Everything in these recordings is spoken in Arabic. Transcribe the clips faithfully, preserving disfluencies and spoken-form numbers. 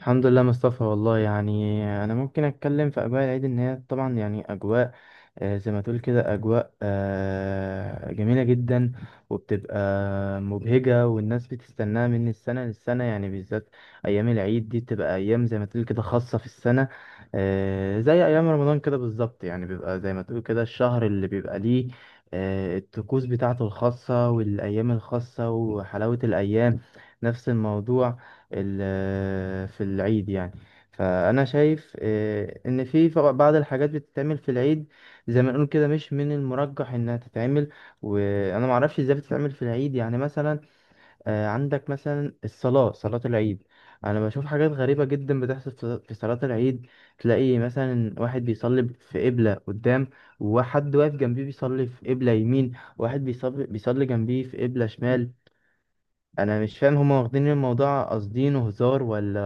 الحمد لله مصطفى. والله، يعني انا ممكن اتكلم في اجواء العيد، ان هي طبعا يعني اجواء آه، زي ما تقول كده اجواء آه، جميله جدا، وبتبقى مبهجه، والناس بتستناها من السنه للسنه. يعني بالذات ايام العيد دي بتبقى ايام زي ما تقول كده خاصه في السنه، آه، زي ايام رمضان كده بالظبط. يعني بيبقى زي ما تقول كده الشهر اللي بيبقى ليه آه، الطقوس بتاعته الخاصه، والايام الخاصه، وحلاوه الايام، نفس الموضوع ال- في العيد يعني. فأنا شايف آه، إن في ف- بعض الحاجات بتتعمل في العيد، زي ما نقول كده، مش من المرجح إنها تتعمل، وأنا معرفش إزاي بتتعمل في العيد. يعني مثلا آه، عندك مثلا الصلاة، صلاة العيد. أنا بشوف حاجات غريبة جدا بتحصل في في صلاة العيد. تلاقي مثلا واحد بيصلي في قبلة قدام، وحد واقف جنبيه بيصلي في قبلة يمين، واحد بيصلي بيصلي جنبيه في قبلة شمال. أنا مش فاهم، هما واخدين الموضوع قاصدينه هزار، ولا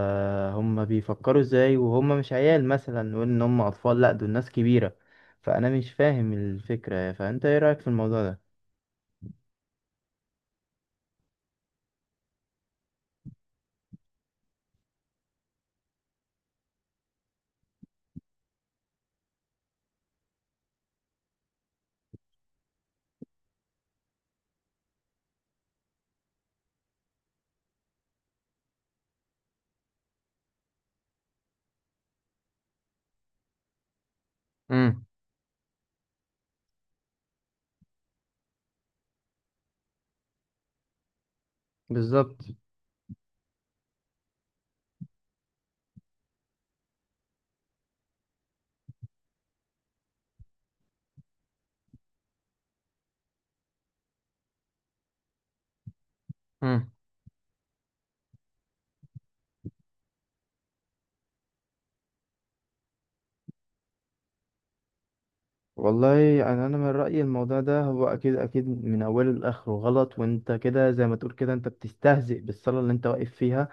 هم بيفكروا ازاي وهم مش عيال مثلا، وان هم اطفال؟ لا، دول ناس كبيرة. فانا مش فاهم الفكرة يعني. فانت ايه رأيك في الموضوع ده؟ امم. بالظبط. امم. والله، انا انا من رايي الموضوع ده هو اكيد اكيد من اوله لاخره غلط، وانت كده زي ما تقول كده انت بتستهزئ بالصلاه اللي انت واقف فيها.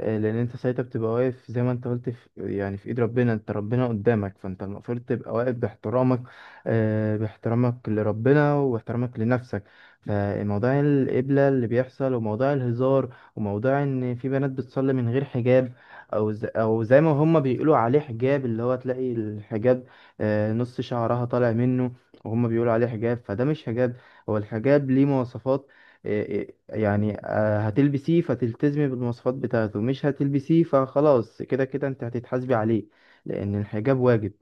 آه، لان انت ساعتها بتبقى واقف زي ما انت قلت، في يعني في ايد ربنا، انت ربنا قدامك، فانت المفروض تبقى واقف باحترامك، آه، باحترامك لربنا واحترامك لنفسك. فموضوع القبلة اللي بيحصل، وموضوع الهزار، وموضوع ان في بنات بتصلي من غير حجاب، او ز... او زي ما هم بيقولوا عليه حجاب، اللي هو تلاقي الحجاب آه، نص شعرها طالع منه وهم بيقولوا عليه حجاب. فده مش حجاب، هو الحجاب ليه مواصفات. آه، آه، يعني آه، هتلبسيه فتلتزمي بالمواصفات بتاعته، مش هتلبسيه فخلاص، كده كده انت هتتحاسبي عليه، لان الحجاب واجب.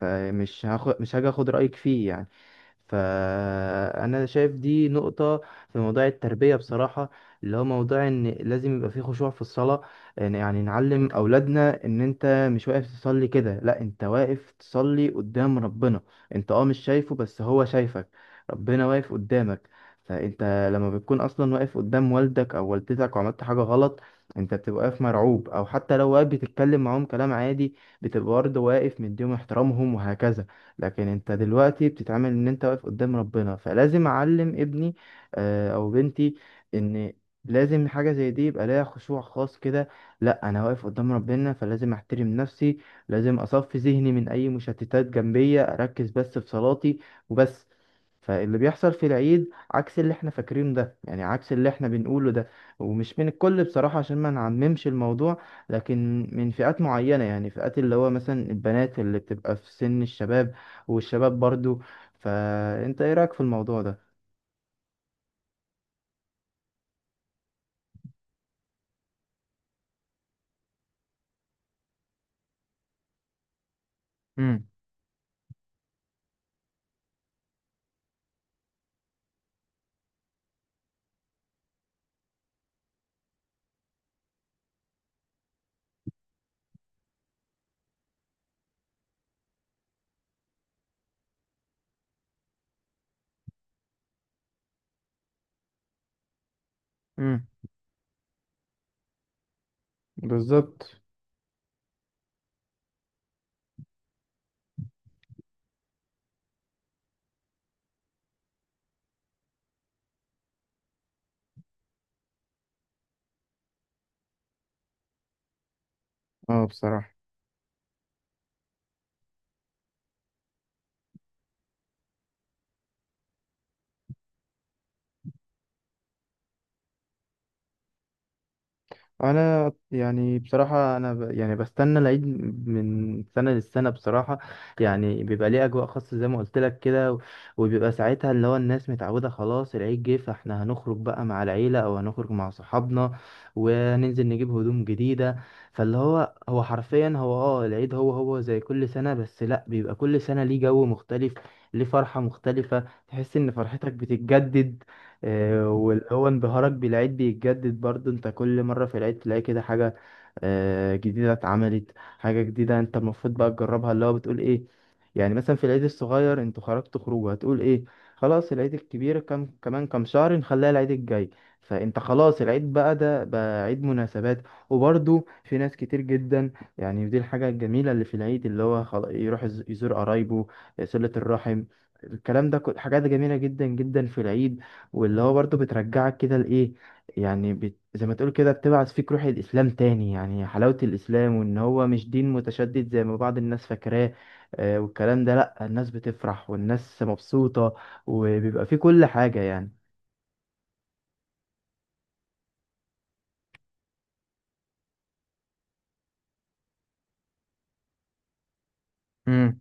فمش هاخد مش هاجي اخد رأيك فيه يعني. فأنا شايف دي نقطة في موضوع التربية بصراحة، اللي هو موضوع إن لازم يبقى فيه خشوع في الصلاة. إن- يعني نعلم أولادنا إن أنت مش واقف تصلي كده، لأ، أنت واقف تصلي قدام ربنا. أنت أه مش شايفه بس هو شايفك، ربنا واقف قدامك. فأنت لما بتكون أصلا واقف قدام والدك أو والدتك وعملت حاجة غلط، أنت بتبقى واقف مرعوب، أو حتى لو واقف بتتكلم معاهم كلام عادي، بتبقى برضه واقف مديهم احترامهم وهكذا. لكن انت دلوقتي بتتعامل ان انت واقف قدام ربنا، فلازم اعلم ابني آه، او بنتي ان لازم حاجة زي دي يبقى ليها خشوع خاص كده. لا، انا واقف قدام ربنا فلازم احترم نفسي، لازم اصفي ذهني من اي مشتتات جنبية، اركز بس في صلاتي وبس. فاللي بيحصل في العيد عكس اللي احنا فاكرينه ده، يعني عكس اللي احنا بنقوله ده، ومش من الكل بصراحة عشان ما نعممش الموضوع، لكن من فئات معينة، يعني فئات اللي هو مثلا البنات اللي بتبقى في سن الشباب، والشباب برضو. فأنت إيه رأيك في الموضوع ده؟ امم. امم. بالظبط. اه بصراحة. انا يعني بصراحه انا ب... يعني بستنى العيد من سنه للسنه بصراحه. يعني بيبقى ليه اجواء خاصه زي ما قلت لك كده، و... وبيبقى ساعتها اللي هو الناس متعوده، خلاص العيد جه، فاحنا هنخرج بقى مع العيله او هنخرج مع صحابنا وننزل نجيب هدوم جديده. فاللي هو هو حرفيا هو اه العيد، هو هو زي كل سنه، بس لا، بيبقى كل سنه ليه جو مختلف، ليه فرحه مختلفه، تحس ان فرحتك بتتجدد، آه، واللي هو انبهارك بالعيد بيتجدد برضو. انت كل مرة في العيد تلاقي كده حاجة آه، جديدة اتعملت، حاجة جديدة انت المفروض بقى تجربها، اللي هو بتقول ايه، يعني مثلا في العيد الصغير انتوا خرجتوا خروجه، هتقول ايه، خلاص العيد الكبير كم كمان كام شهر نخليها العيد الجاي. فانت خلاص العيد بقى ده بقى عيد مناسبات. وبرضو في ناس كتير جدا يعني، دي الحاجة الجميلة اللي في العيد، اللي هو خلا- يروح يز- يزور قرايبه، صلة الرحم، الكلام ده، كل- حاجات جميلة جدا جدا في العيد. واللي هو برضه بترجعك كده لإيه، يعني بت... زي ما تقول كده بتبعث فيك روح الإسلام تاني، يعني حلاوة الإسلام، وإن هو مش دين متشدد زي ما بعض الناس فاكراه. آه والكلام ده، لأ، الناس بتفرح والناس مبسوطة، وبيبقى فيه كل حاجة يعني. امم.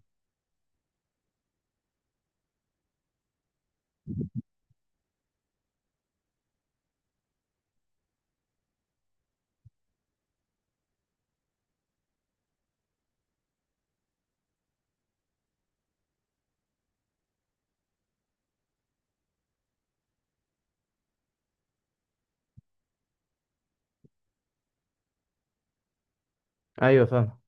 ايوه فاهم.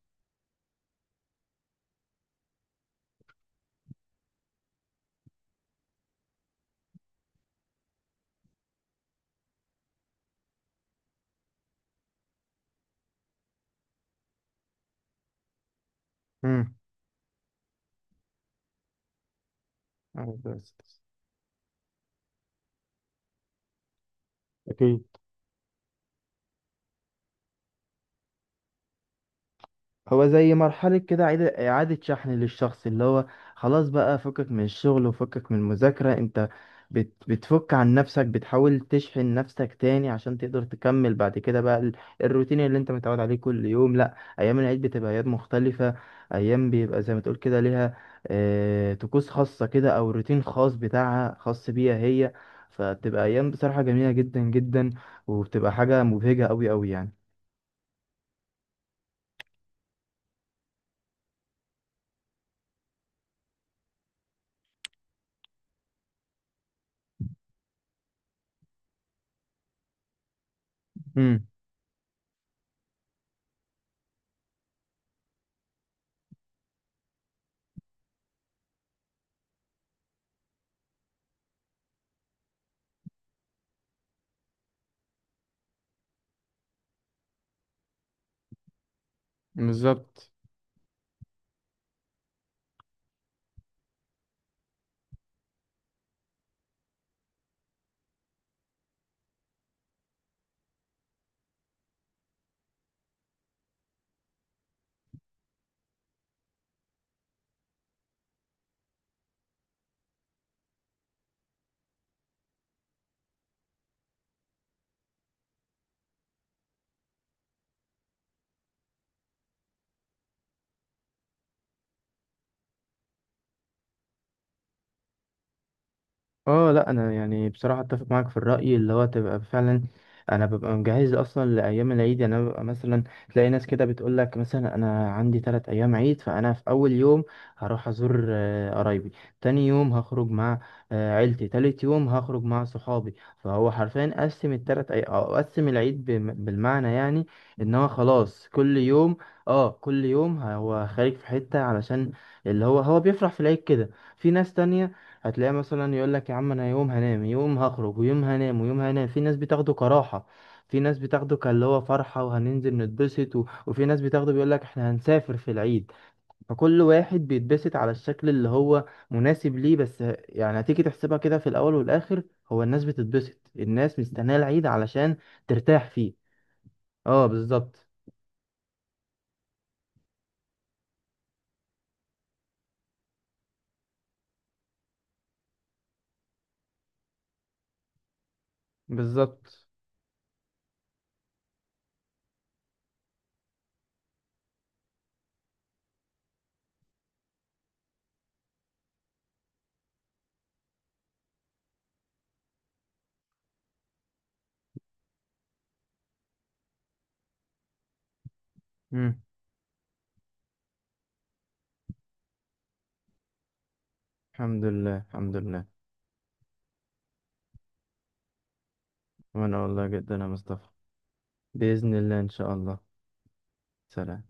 امم. أيوة، بس- أكيد. هو زي مرحلة كده إعادة إعادة شحن للشخص، اللي هو خلاص بقى فكك من الشغل وفكك من المذاكرة. أنت بت بتفك عن نفسك، بتحاول تشحن نفسك تاني عشان تقدر تكمل بعد كده بقى ال- الروتين اللي أنت متعود عليه كل يوم. لأ، أيام العيد بتبقى أيام مختلفة، أيام بيبقى زي ما تقول كده ليها آه، طقوس خاصة كده أو روتين خاص بتاعها خاص بيها هي، فبتبقى أيام بصراحة جميلة جدا جدا، وبتبقى حاجة مبهجة أوي أوي يعني. مم. بالظبط. اه لا، انا يعني بصراحه اتفق معاك في الراي، اللي هو تبقى فعلا انا ببقى مجهز اصلا لايام العيد. يعني انا ببقى مثلا، تلاقي ناس كده بتقول لك مثلا انا عندي ثلاث ايام عيد، فانا في اول يوم هروح ازور آه، قرايبي، تاني يوم هخرج مع آه، عيلتي، تالت يوم هخرج مع صحابي، فهو حرفيا قسم الثلاث اي او قسم العيد بم- بالمعنى يعني، ان هو خلاص كل يوم، اه كل يوم هو خارج في حته، علشان اللي هو هو بيفرح في العيد كده. في ناس تانية هتلاقيه مثلا يقول لك يا عم انا يوم هنام يوم هخرج ويوم هنام ويوم هنام، في ناس بتاخده كراحة، في ناس بتاخده كاللي هو فرحة وهننزل نتبسط، و... وفي ناس بتاخده بيقول لك احنا هنسافر في العيد. فكل واحد بيتبسط على الشكل اللي هو مناسب ليه. بس يعني هتيجي تحسبها كده في الاول والاخر، هو الناس بتتبسط، الناس مستنية العيد علشان ترتاح فيه. اه بالظبط. بالظبط. مم. الحمد لله الحمد لله. وانا والله جدا يا مصطفى، بإذن الله ان شاء الله. سلام.